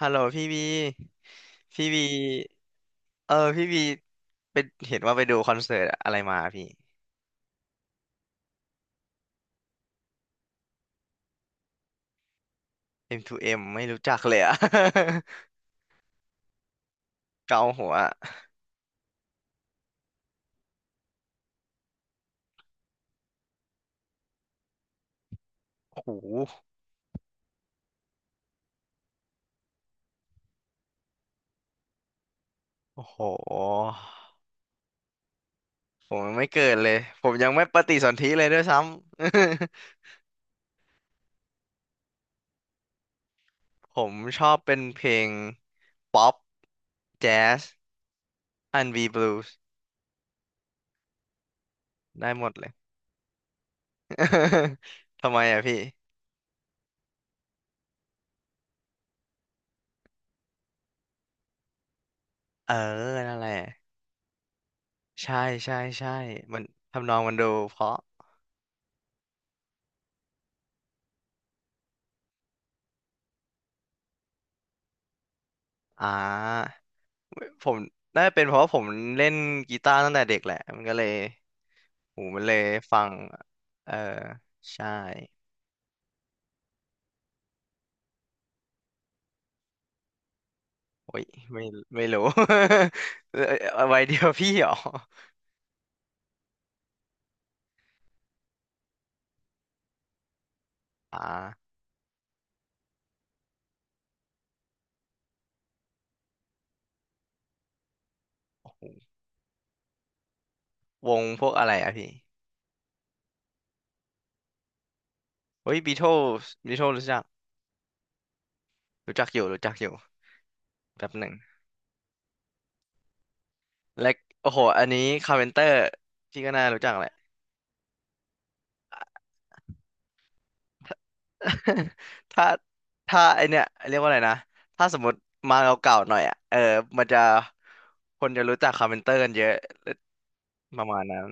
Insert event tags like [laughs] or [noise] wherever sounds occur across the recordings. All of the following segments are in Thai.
ฮัลโหลพี่บีพี่บีเออพี่บีเห็นว่าไปดูคอนเสิร์ตอะไรมาพี่ M2M ไม่รู้จักเลยอะ [laughs] เกาหัวโอ้โหโอ้โหผมยังไม่เกิดเลยผมยังไม่ปฏิสนธิเลยด้วยซ้ำ [laughs] ผมชอบเป็นเพลงป๊อปแจ๊สอันบีบลูส์ได้หมดเลย [laughs] ทำไมอะพี่เออนั่นแหละใช่ใช่ใช่มันทำนองมันดูเพราะอ่า ผมน่าจะเป็นเพราะว่าผมเล่นกีตาร์ตั้งแต่เด็กแหละมันก็เลยหูมันเลยฟังเออใช่โอ้ยไม่ไม่รู้ [laughs] เออไว้เดียวพี่เหรออ่าวงพวกอะไรอะพี่เฮ้ยบีโท l รู้จักรู้จักอยู่แป๊บหนึ่งและโอ้โหอันนี้คาร์เพนเตอร์พี่ก็น่ารู้จักแหละ [laughs] ถ้าถ้าไอเนี่ยเรียกว่าอะไรนะถ้าสมมติมาเก่าๆหน่อยอ่ะเออมันจะคนจะรู้จักคาร์เพนเตอร์กันเยอะ ประมาณนั้น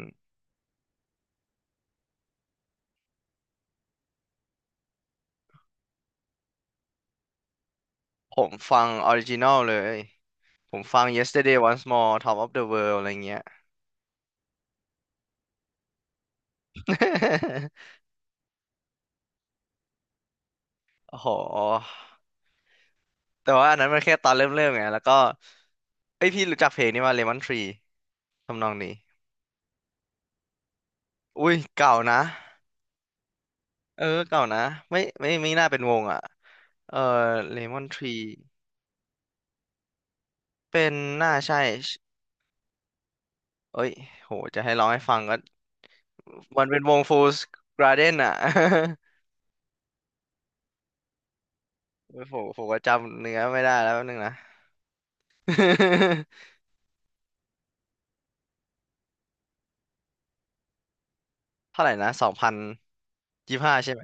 ผมฟังออริจิน l ลเลยผมฟัง Yesterday Once More Top of the World อะไรเงี้ย [laughs] โอ้โหแต่ว่าอันนั้นมันแค่ตอนเริ่มเริ่มไงแล้วก็เอ้ยพี่รู้จักเพลงนี้ว่า Lemon Tree ทำนองนี้อุ้ยเก่านะเออเก่านะไม่น่าเป็นวงอ่ะเออ Lemon Tree เป็นน่าใช่เอ้ยโหจะให้ร้องให้ฟังก็มันเป็นวง Fools Garden อ่ะ [laughs] โอ้โหผมก็จำเนื้อไม่ได้แล้วแป๊บนึงนะ [laughs] เท่าไหร่นะสองพันยี่ห้าใช่ไหม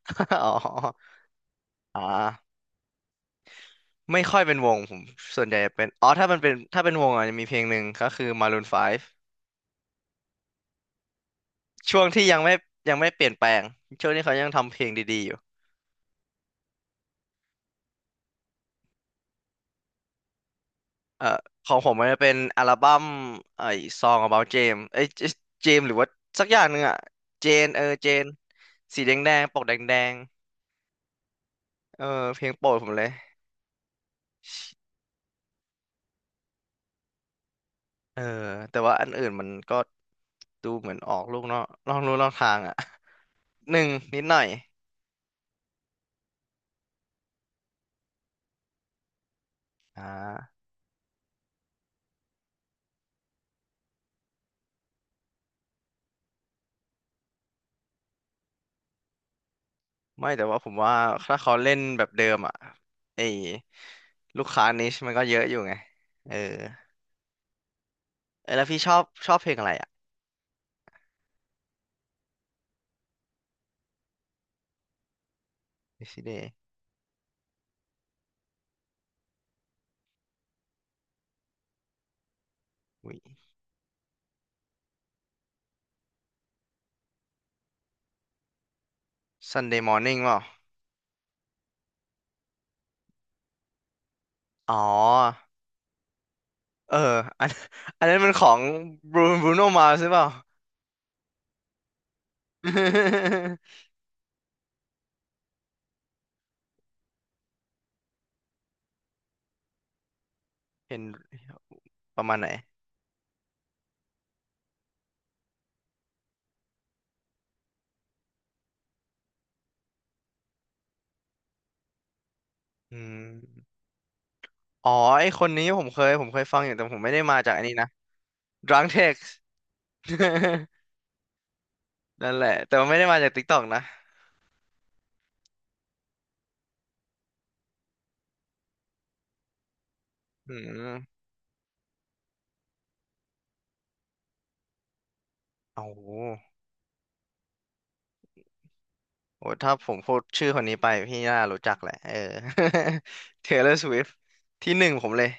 [laughs] อ๋ออ่าไม่ค่อยเป็นวงผม ส่วนใหญ่เป็น อ๋อถ้ามันเป็นถ้าเป็นวงอ่ะจะมีเพลงหนึ่งก็คือ Maroon 5ช่วงที่ยังไม่เปลี่ยนแปลงช่วงที่เขายังทำเพลงดีๆอยู่เอ่อของผมมันจะเป็นอัลบั้มไอ้ Song About James เอ้ยเจมหรือว่าสักอย่างหนึ่งอ่ะเจนเออเจนสีแดงแดงปกแดงๆเออเพลงโปรดผมเลยเออแต่ว่าอันอื่นมันก็ดูเหมือนออกลูกนอกลู่นอกทางอ่ะ หนึ่งนิดหน่อยอ่าไม่แต่ว่าผมว่าถ้าเขาเล่นแบบเดิมอ่ะไอ้ลูกค้านิชมันก็เยอะอยู่ไงเออเอยแล้วพี่ชอบชอบเพลงอะไรอ่ะ Yesterday อุ้ย Sunday Morning เปล่าอ๋อเอออันอันนั้นมันของบรูโนมาใช่เปล่า [laughs] เห็นประมาณไหนอืมอ๋อไอคนนี้ผมเคยฟังอยู่แต่ผมไม่ได้มาจากอันนี้นะ Drunk Text [laughs] นั่นแหละแต่ว่าไม่ได้มาจาก TikTok นะอืมโอ้โห โอ้ถ้าผมพูดชื่อคนนี้ไปพี่น่ารู้จักแหละเออ [laughs] Taylor Swift ที่หนึ่งผมเลย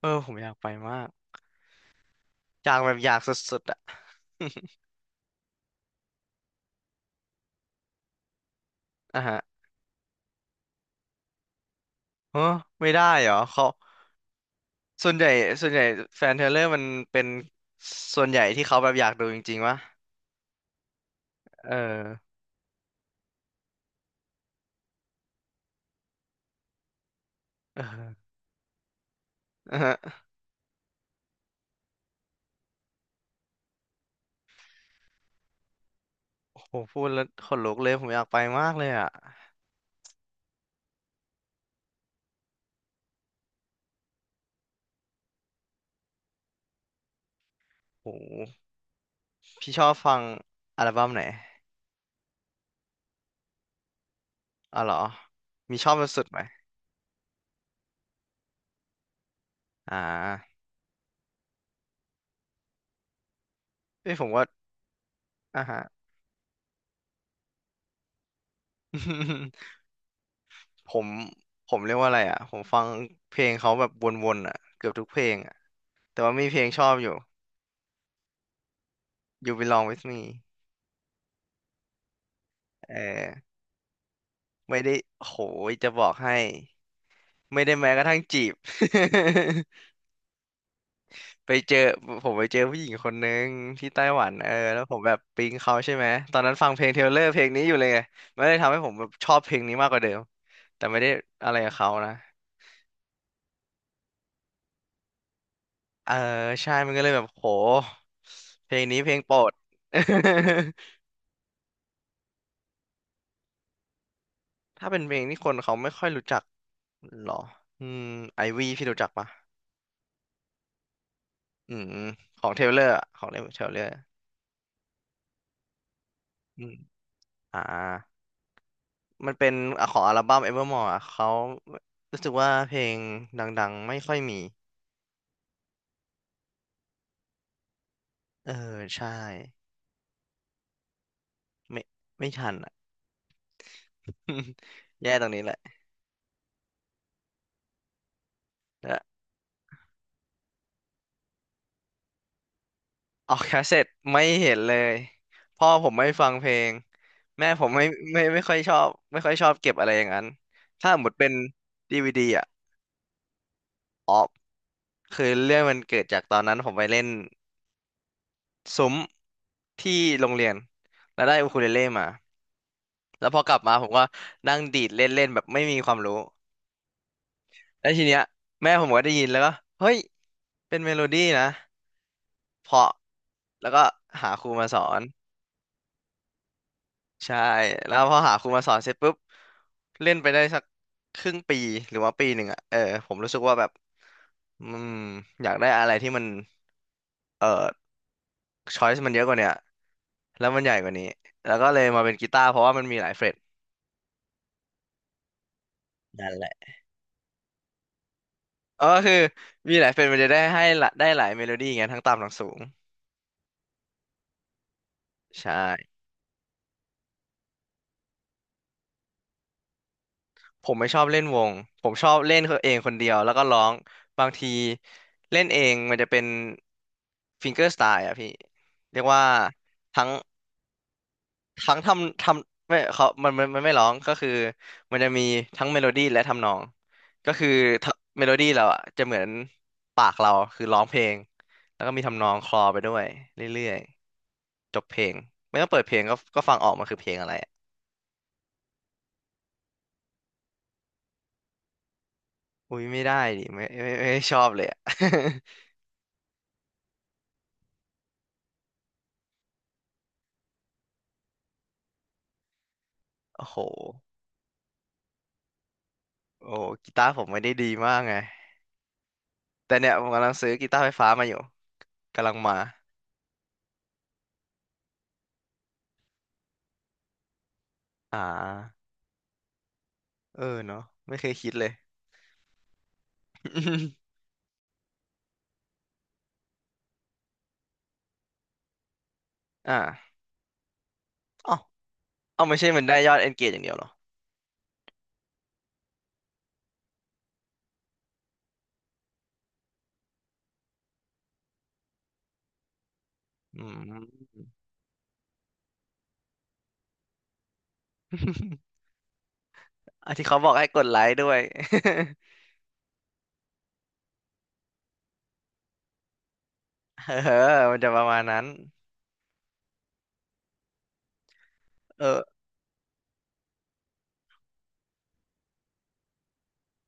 เออผมอยากไปมากอยากแบบอยากสุดๆอ่ะอ่ะฮะเออไม่ได้เหรอเขาส่วนใหญ่ส่วนใหญ่แฟนเทเลอร์มันเป็นส่วนใหญ่ที่เขาแบบอยากดูจริงๆวะเออเอออ่ะฮะโอ้โหพูดแล้วขนลุกเลยผมอยากไปมากเลยอ่ะโอ้โหพี่ชอบฟังอัลบั้มไหนอ๋อเหรอมีชอบสุดๆไหมอ่าเอ้ยผมว่าอ่ะฮะ [laughs] ผมผมเรียกว่าอะไรอ่ะผมฟังเพลงเขาแบบวนๆอ่ะเกือบทุกเพลงอ่ะแต่ว่ามีเพลงชอบอยู่ You Belong With Me เออไม่ได้โหยจะบอกให้ไม่ได้แม้กระทั่งจีบ [laughs] ไปเจอผมไปเจอผู้หญิงคนนึงที่ไต้หวันเออแล้วผมแบบปิ๊งเขาใช่ไหมตอนนั้นฟังเพลงเทเลอร์เพลงนี้อยู่เลยไงมันเลยทำให้ผมแบบชอบเพลงนี้มากกว่าเดิมแต่ไม่ได้อะไรกับเขานะเออใช่มันก็เลยแบบโหเพลงนี้เพลงโปรด [laughs] ถ้าเป็นเพลงที่คนเขาไม่ค่อยรู้จักหรออืมไอวีพี่รู้จักปะอืมของเทเลอร์ของเทเลอร์อืมอ่า มันเป็นอ่ะของอัลบั้ม Evermore อ่ะเขารู้สึกว่าเพลงดังๆไม่ค่อยมี เออใช่ไม่ไม่ทันอ่ะ [laughs] แย่ตรงนี้แหละแล้วออกแคสเซ็ตไม่เห็นเลยพ่อผมไม่ฟังเพลงแม่ผมไม่ไม่ค่อยชอบไม่ค่อยชอบเก็บอะไรอย่างนั้น ถ้าหมดเป็นดีวีดีอ่ะอ๋อ คือเรื่องมันเกิดจากตอนนั้นผมไปเล่นซุ้มที่โรงเรียนแล้วได้อูคูเลเล่มาแล้วพอกลับมาผมก็นั่งดีดเล่นเล่นแบบไม่มีความรู้แล้วทีเนี้ยแม่ผมก็ได้ยินแล้วก็เฮ้ยเป็นเมโลดี้นะเพราะแล้วก็หาครูมาสอนใช่แล้วพอหาครูมาสอนเสร็จปุ๊บเล่นไปได้สักครึ่งปีหรือว่าปีหนึ่งอ่ะเออผมรู้สึกว่าแบบอืมอยากได้อะไรที่มันเออ ช้อยส์มันเยอะกว่าเนี่ยแล้วมันใหญ่กว่านี้แล้วก็เลยมาเป็นกีตาร์เพราะว่ามันมีหลายเฟรตนั่นแหละเออคือมีหลายเฟรตมันจะได้ให้ละได้หลายเมโลดี้ไงทั้งต่ำทั้งสูงใช่ผมไม่ชอบเล่นวงผมชอบเล่นเองคนเดียวแล้วก็ร้องบางทีเล่นเองมันจะเป็นฟิงเกอร์สไตล์อะพี่เรียกว่าทั้ง ทั้งทำทำไม่เขามันไม่ร้องก็คือมันจะมีทั้งเมโลดี้และทำนองก็คือทะเมโลดี้เราอ่ะจะเหมือนปากเราคือร้องเพลงแล้วก็มีทำนองคลอไปด้วยเรื่อยๆจบเพลงไม่ต้องเปิดเพลงก็ฟังออกมันคือเพลงอะไรอะอุ้ยไม่ได้ดิไม่ชอบเลยอ่ะ [laughs] โอ้โหโอ้โหกีตาร์ผมไม่ได้ดีมากไงแต่เนี่ยผมกำลังซื้อกีตาร์ไฟฟ้ามาอยู่กำลังมาอ่าเออเนาะไม่เคยคิดเลย [laughs] อ่า เอาไม่ใช่มันได้ยอดเอนเกจอย่างเดียวเหรอ อืม [laughs] อ่ะที่เขาบอกให้กดไลค์ด้วย [laughs] เออมันจะประมาณนั้น เออ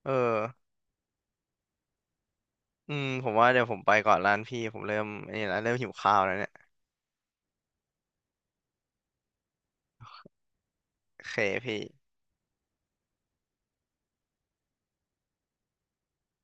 เออ อืมผมว่าเดี๋ยวผมไปก่อนร้านพี่ ผมเริ่มไอันนี้แล้วเริ่มหิวข้าวแล้วเนี่ยโอเคพี่